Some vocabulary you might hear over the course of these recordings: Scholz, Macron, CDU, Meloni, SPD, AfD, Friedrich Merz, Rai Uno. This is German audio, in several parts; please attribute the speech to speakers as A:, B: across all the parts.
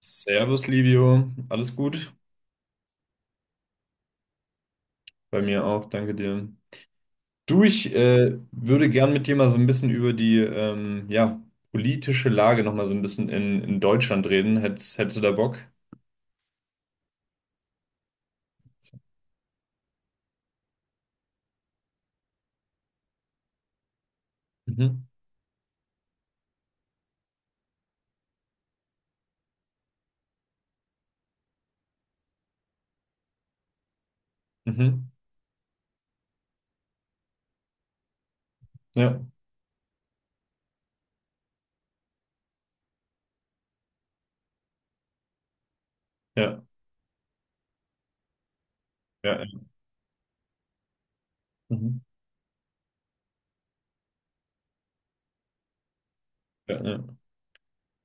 A: Servus, Livio. Alles gut? Bei mir auch, danke dir. Du, ich würde gern mit dir mal so ein bisschen über die politische Lage noch mal so ein bisschen in Deutschland reden. Hättest du da Bock? Mhm. Mhm. Ja, ja, ja. Mhm. Ja, ja.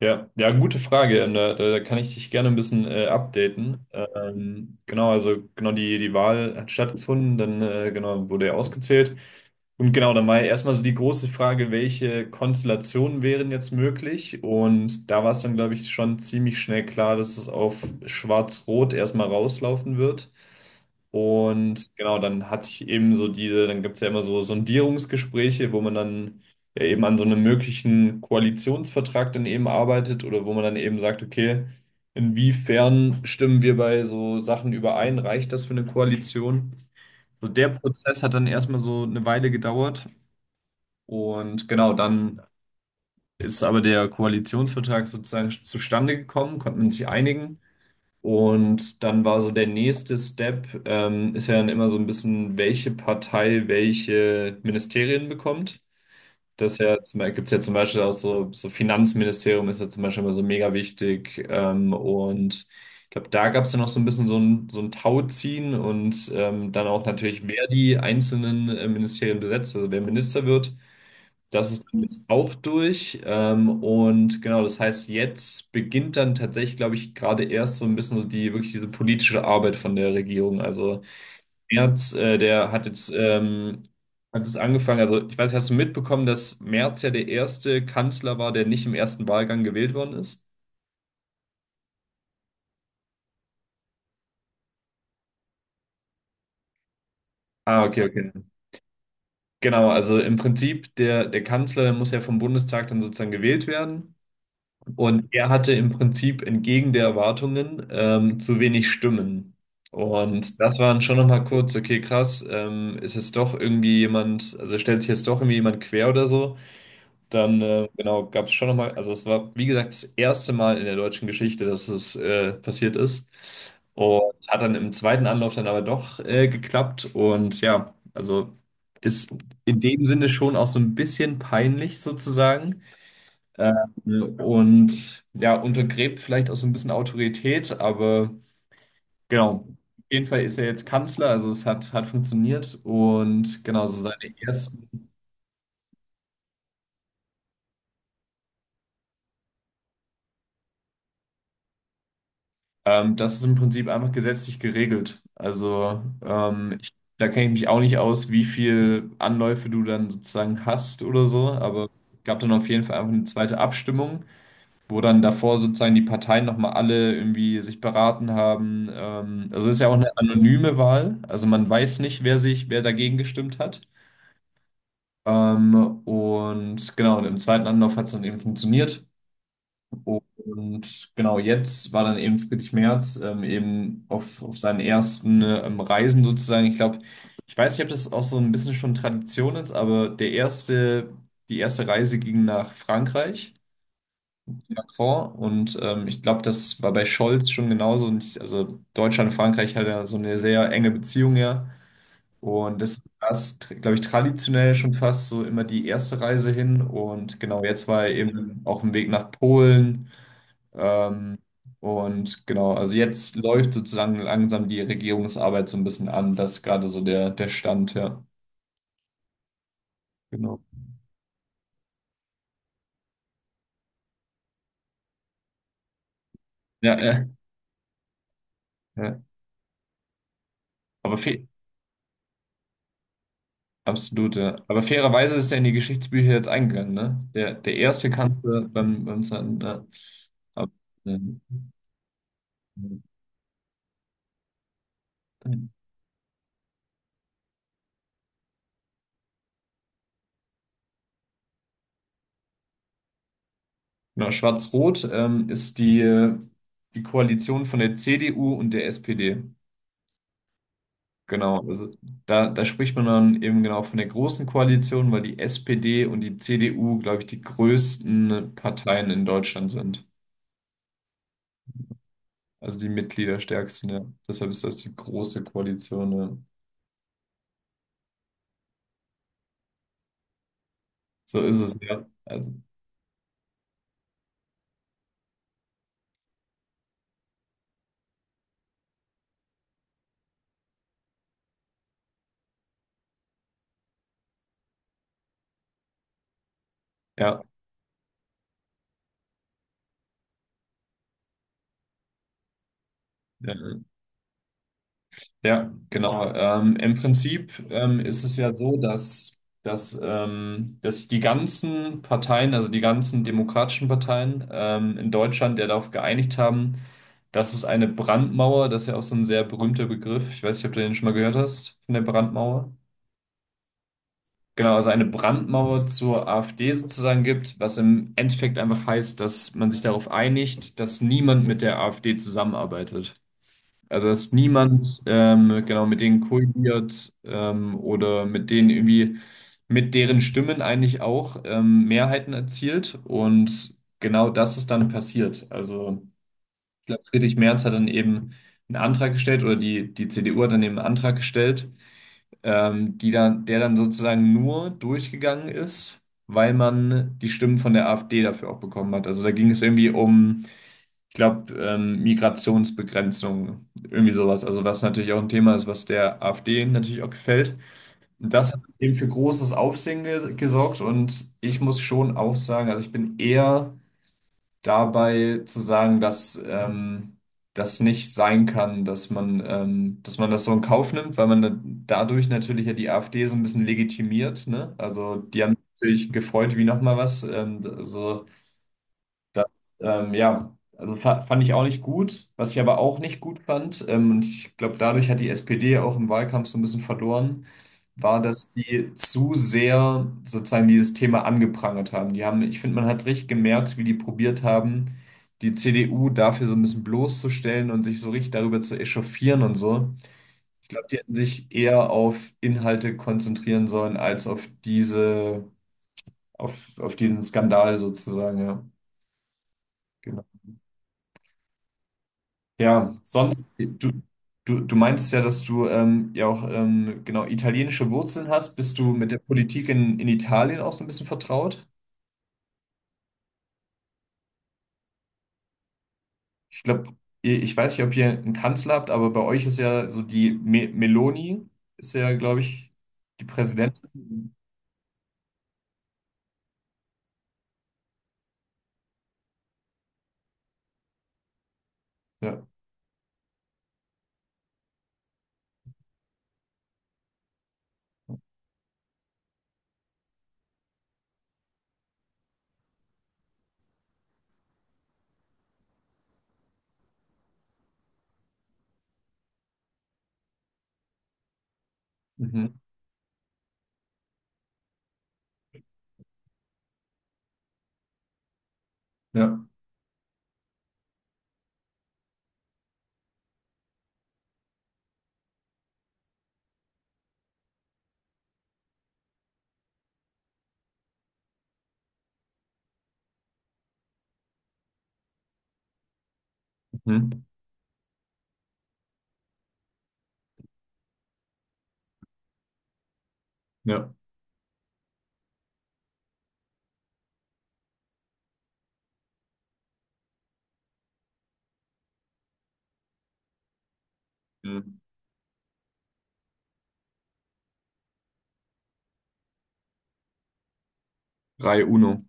A: Ja, ja, gute Frage. Und da kann ich dich gerne ein bisschen updaten. Genau, also genau die Wahl hat stattgefunden, dann genau wurde er ausgezählt. Und genau, dann war ja erstmal so die große Frage, welche Konstellationen wären jetzt möglich? Und da war es dann, glaube ich, schon ziemlich schnell klar, dass es auf Schwarz-Rot erstmal rauslaufen wird. Und genau, dann hat sich eben so diese, dann gibt es ja immer so Sondierungsgespräche, wo man dann ja eben an so einem möglichen Koalitionsvertrag dann eben arbeitet oder wo man dann eben sagt, okay, inwiefern stimmen wir bei so Sachen überein? Reicht das für eine Koalition? So der Prozess hat dann erstmal so eine Weile gedauert und genau dann ist aber der Koalitionsvertrag sozusagen zustande gekommen, konnte man sich einigen. Und dann war so der nächste Step, ist ja dann immer so ein bisschen, welche Partei welche Ministerien bekommt. Das ja, gibt es ja zum Beispiel auch so, so Finanzministerium ist ja zum Beispiel immer so mega wichtig. Und ich glaube, da gab es ja noch so ein bisschen so ein Tauziehen und dann auch natürlich, wer die einzelnen Ministerien besetzt, also wer Minister wird. Das ist dann jetzt auch durch. Und genau, das heißt, jetzt beginnt dann tatsächlich, glaube ich, gerade erst so ein bisschen so die wirklich diese politische Arbeit von der Regierung. Also Merz, der hat jetzt hat es angefangen. Also ich weiß, hast du mitbekommen, dass Merz ja der erste Kanzler war, der nicht im ersten Wahlgang gewählt worden ist? Ah, okay, okay. Genau, also im Prinzip der Kanzler der muss ja vom Bundestag dann sozusagen gewählt werden und er hatte im Prinzip entgegen der Erwartungen zu wenig Stimmen. Und das waren dann schon nochmal kurz, okay, krass, ist jetzt doch irgendwie jemand, also stellt sich jetzt doch irgendwie jemand quer oder so. Dann genau, gab es schon nochmal, also es war, wie gesagt, das erste Mal in der deutschen Geschichte, dass es passiert ist. Und hat dann im zweiten Anlauf dann aber doch geklappt. Und ja, also ist in dem Sinne schon auch so ein bisschen peinlich sozusagen. Und ja, untergräbt vielleicht auch so ein bisschen Autorität, aber genau. Auf jeden Fall ist er jetzt Kanzler, also es hat, hat funktioniert und genau, so seine ersten. Das ist im Prinzip einfach gesetzlich geregelt. Also ich, da kenne ich mich auch nicht aus, wie viel Anläufe du dann sozusagen hast oder so, aber es gab dann auf jeden Fall einfach eine zweite Abstimmung, wo dann davor sozusagen die Parteien nochmal alle irgendwie sich beraten haben. Also es ist ja auch eine anonyme Wahl, also man weiß nicht, wer sich, wer dagegen gestimmt hat. Ähm, und genau, und im zweiten Anlauf hat es dann eben funktioniert. Und genau jetzt war dann eben Friedrich Merz eben auf seinen ersten Reisen sozusagen. Ich glaube, ich weiß nicht, ob das auch so ein bisschen schon Tradition ist, aber der erste, die erste Reise ging nach Frankreich, Macron. Und ich glaube, das war bei Scholz schon genauso. Und ich, also Deutschland und Frankreich hat ja so eine sehr enge Beziehung, ja. Und das war, glaube ich, traditionell schon fast so immer die erste Reise hin. Und genau jetzt war er eben auf dem Weg nach Polen ähm, und genau, also jetzt läuft sozusagen langsam die Regierungsarbeit so ein bisschen an. Das ist gerade so der Stand, ja. Genau. Ja, ja. Aber fe absolut, ja. Aber fairerweise ist er in die Geschichtsbücher jetzt eingegangen, ne? Der erste Kanzler beim zweiten, ja. Aber, ähm, genau, Schwarz-Rot ist die Koalition von der CDU und der SPD. Genau, also da spricht man dann eben genau von der großen Koalition, weil die SPD und die CDU, glaube ich, die größten Parteien in Deutschland sind. Also die Mitgliederstärksten, ja. Deshalb ist das die große Koalition, ja. So ist es, ja. Also, ja. Ja. Ja, genau. Im Prinzip ist es ja so, dass die ganzen Parteien, also die ganzen demokratischen Parteien in Deutschland ja darauf geeinigt haben, dass es eine Brandmauer, das ist ja auch so ein sehr berühmter Begriff, ich weiß nicht, ob du den schon mal gehört hast, von der Brandmauer. Genau, also eine Brandmauer zur AfD sozusagen gibt, was im Endeffekt einfach heißt, dass man sich darauf einigt, dass niemand mit der AfD zusammenarbeitet. Also dass niemand genau mit denen koaliert oder mit denen irgendwie mit deren Stimmen eigentlich auch Mehrheiten erzielt und genau das ist dann passiert. Also ich glaube, Friedrich Merz hat dann eben einen Antrag gestellt oder die CDU hat dann eben einen Antrag gestellt, die dann, der dann sozusagen nur durchgegangen ist, weil man die Stimmen von der AfD dafür auch bekommen hat. Also da ging es irgendwie um ich glaube, Migrationsbegrenzung, irgendwie sowas. Also was natürlich auch ein Thema ist, was der AfD natürlich auch gefällt. Und das hat eben für großes Aufsehen ge gesorgt und ich muss schon auch sagen, also ich bin eher dabei zu sagen, dass das nicht sein kann, dass man das so in Kauf nimmt, weil man dadurch natürlich ja die AfD so ein bisschen legitimiert, ne? Also die haben sich natürlich gefreut wie nochmal was. So das, ja, also fand ich auch nicht gut. Was ich aber auch nicht gut fand, und ich glaube, dadurch hat die SPD auch im Wahlkampf so ein bisschen verloren, war, dass die zu sehr sozusagen dieses Thema angeprangert haben. Die haben, ich finde, man hat richtig gemerkt, wie die probiert haben, die CDU dafür so ein bisschen bloßzustellen und sich so richtig darüber zu echauffieren und so. Ich glaube, die hätten sich eher auf Inhalte konzentrieren sollen, als auf diese, auf diesen Skandal sozusagen, ja. Ja, sonst, du meintest ja, dass du ja auch genau italienische Wurzeln hast. Bist du mit der Politik in Italien auch so ein bisschen vertraut? Ich glaube, ich weiß nicht, ob ihr einen Kanzler habt, aber bei euch ist ja so die Me Meloni, ist ja, glaube ich, die Präsidentin. Ja. Mhm. Ja. Mhm. Ja. Mhm. Rai Uno.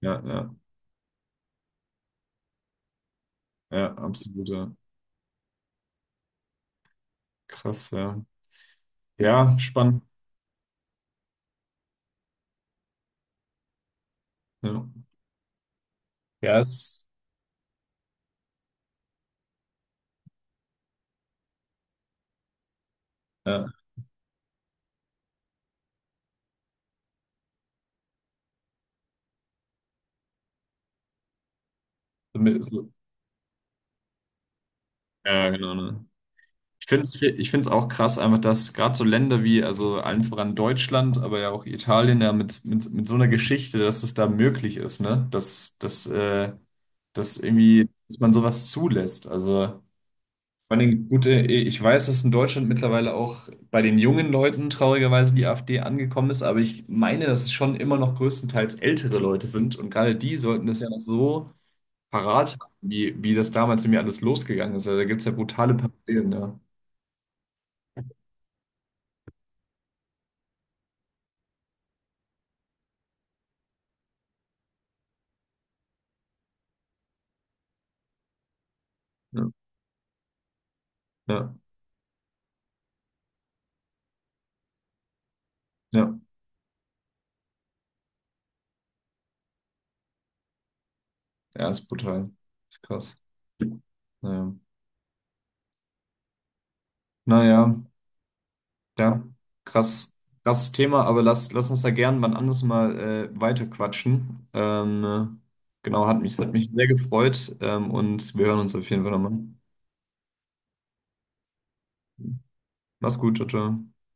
A: Ja, ja, ja, absoluter krass, ja. Ja, spannend. Ja, ja es, ja, damit- so- Ja, genau, ne? Ich finde es ich find's auch krass, einfach, dass gerade so Länder wie, also allen voran Deutschland, aber ja auch Italien, ja, mit so einer Geschichte, dass es da möglich ist, ne? Dass irgendwie, dass man sowas zulässt. Also, vor allem, gut, ich weiß, dass in Deutschland mittlerweile auch bei den jungen Leuten traurigerweise die AfD angekommen ist, aber ich meine, dass es schon immer noch größtenteils ältere Leute sind und gerade die sollten das ja noch so parat habe, wie das damals in mir alles losgegangen ist. Also, da gibt es ja brutale Parallelen, ja. Ja, ja, ja, ja, ist brutal. Ist krass. Naja, naja, ja, krass, krasses Thema, aber lass uns da gern wann anders mal weiterquatschen. Genau, hat mich sehr gefreut und wir hören uns auf jeden Fall nochmal. Mach's gut, ciao, ciao.